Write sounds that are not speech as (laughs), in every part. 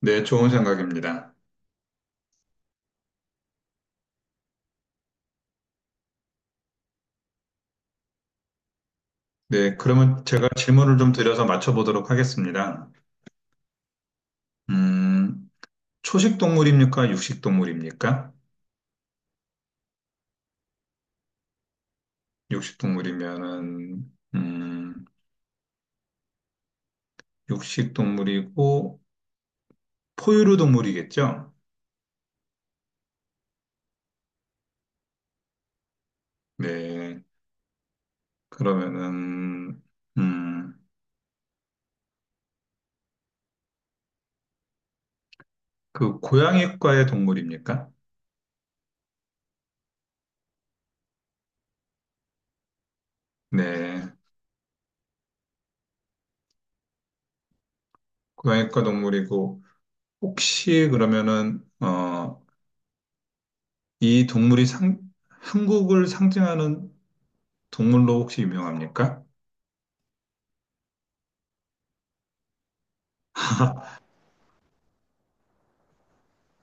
네, 좋은 생각입니다. 네, 그러면 제가 질문을 좀 드려서 맞춰보도록 하겠습니다. 음, 초식 동물입니까? 육식 동물입니까? 육식 동물이면은, 육식 동물이고, 포유류 동물이겠죠? 네, 그러면은, 음, 그 고양이과의 동물입니까? 네, 고양이과 동물이고, 혹시 그러면은, 이 동물이 한국을 상징하는 동물로 혹시 유명합니까?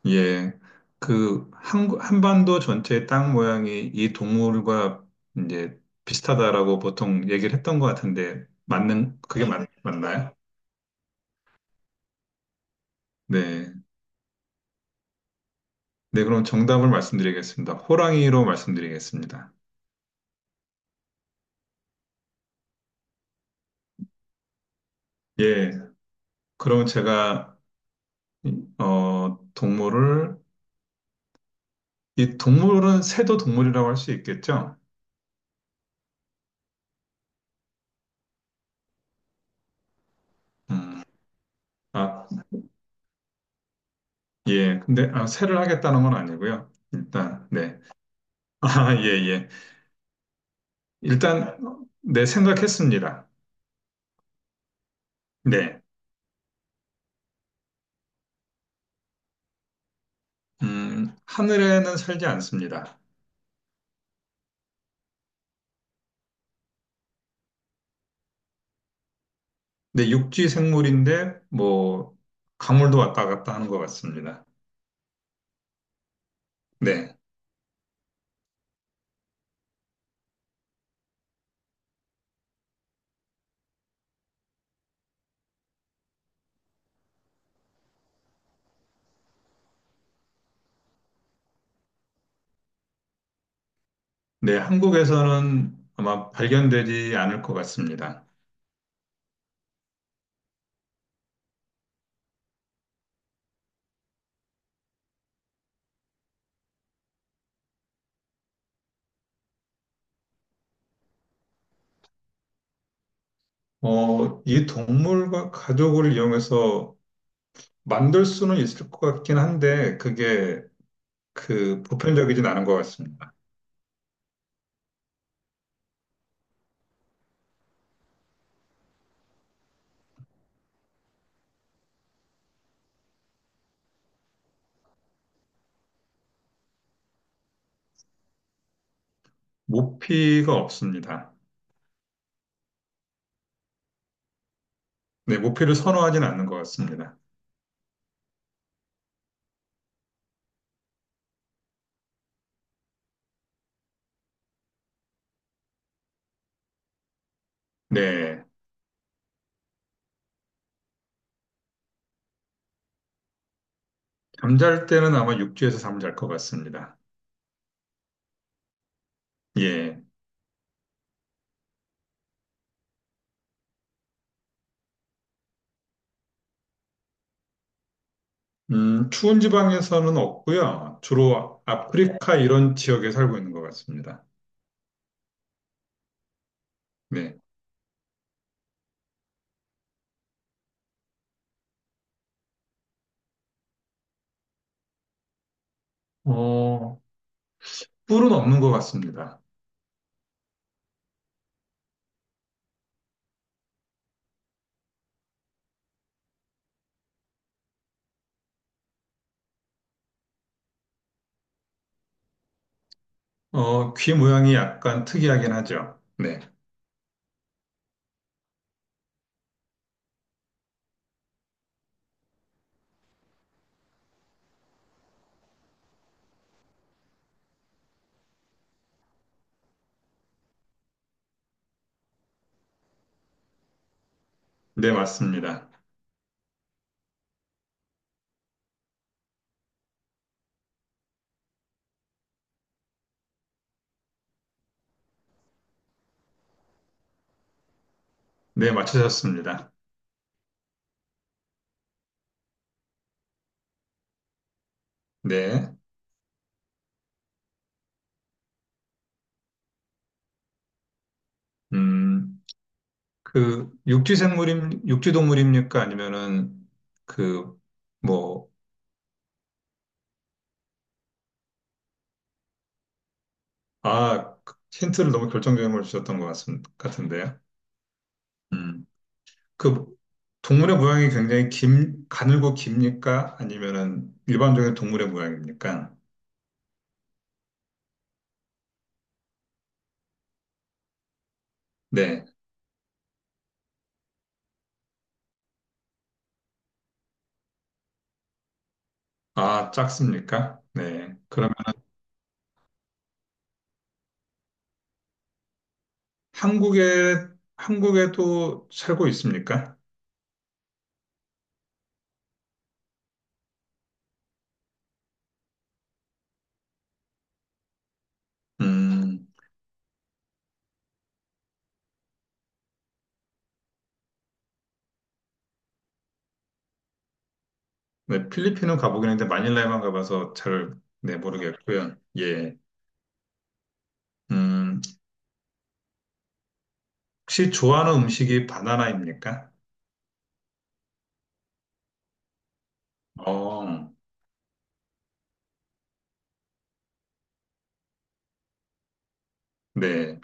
예, 그 한반도 전체의 땅 모양이 이 동물과 이제 비슷하다라고 보통 얘기를 했던 것 같은데 맞는 그게 네, 네네. 맞나요? 네, 네 그럼 정답을 말씀드리겠습니다. 호랑이로 말씀드리겠습니다. 예, 그럼 제가 동물을 이 동물은 새도 동물이라고 할 수 있겠죠? 음, 아, 예, 근데 아, 새를 하겠다는 건 아니고요. 일단 네, (laughs) 아, 예, 예, 일단 네 생각했습니다. 네. 하늘에는 살지 않습니다. 네, 육지 생물인데, 뭐, 강물도 왔다 갔다 하는 것 같습니다. 네. 네, 한국에서는 아마 발견되지 않을 것 같습니다. 이 동물과 가족을 이용해서 만들 수는 있을 것 같긴 한데, 그게 그 보편적이진 않은 것 같습니다. 모피가 없습니다. 네, 모피를 선호하진 않는 것 같습니다. 네. 잠잘 때는 아마 육지에서 잠잘 것 같습니다. 예. 추운 지방에서는 없고요. 주로 네. 아프리카 이런 지역에 살고 있는 것 같습니다. 네. 어, 뿔은 없는 것 같습니다. 어, 귀 모양이 약간 특이하긴 하죠. 네. 네, 맞습니다. 네, 맞추셨습니다. 네. 음, 그, 육지 동물입니까? 아니면은, 그, 뭐, 아, 그 힌트를 너무 결정적인 걸 주셨던 것 같은, 같은데요. 음. 그 동물의 모양이 굉장히 긴, 가늘고 깁니까? 아니면은 일반적인 동물의 모양입니까? 네. 아, 작습니까? 네. 그러면 한국에, 한국에도 살고 있습니까? 음, 네. 필리핀은 가보긴 했는데 마닐라에만 가봐서 잘, 네, 모르겠고요. 예. 음, 혹시 좋아하는 음식이 바나나입니까? 어, 네.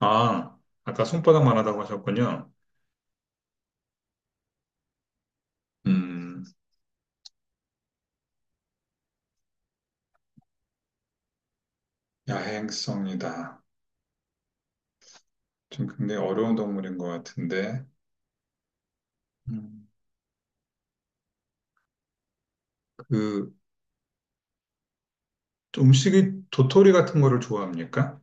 아, 아까 손바닥만 하다고 하셨군요. 음, 야행성이다. 좀 굉장히 어려운 동물인 것 같은데, 음, 그 음식이 도토리 같은 거를 좋아합니까?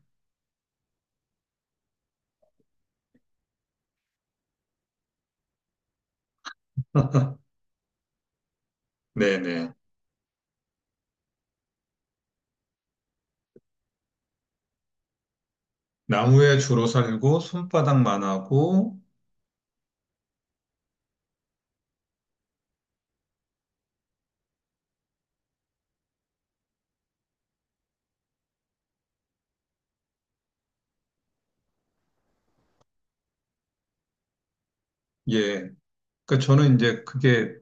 네네. 나무에 주로 살고 손바닥만 하고, 예. 그러니까 저는 이제 그게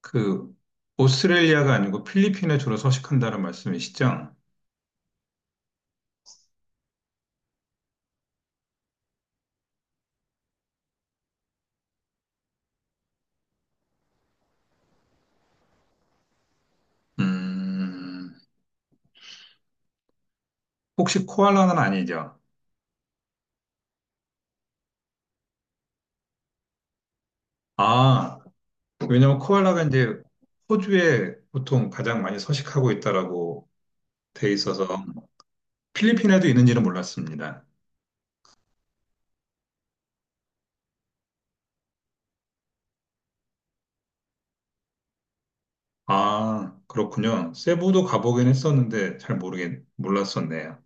그 오스트레일리아가 아니고 필리핀에 주로 서식한다는 말씀이시죠? 음, 혹시 코알라는 아니죠? 아, 왜냐면 코알라가 이제 호주에 보통 가장 많이 서식하고 있다라고 돼 있어서 필리핀에도 있는지는 몰랐습니다. 아, 그렇군요. 세부도 가보긴 했었는데 잘 몰랐었네요.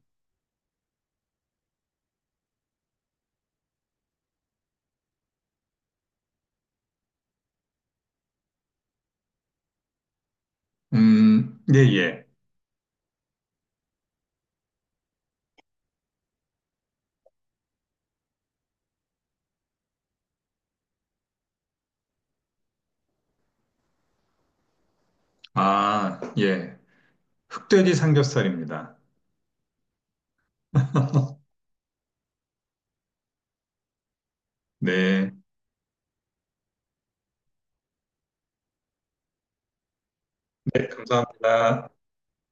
예, 예. 아, 예. 흑돼지 삼겹살입니다. 네. 네, 감사합니다.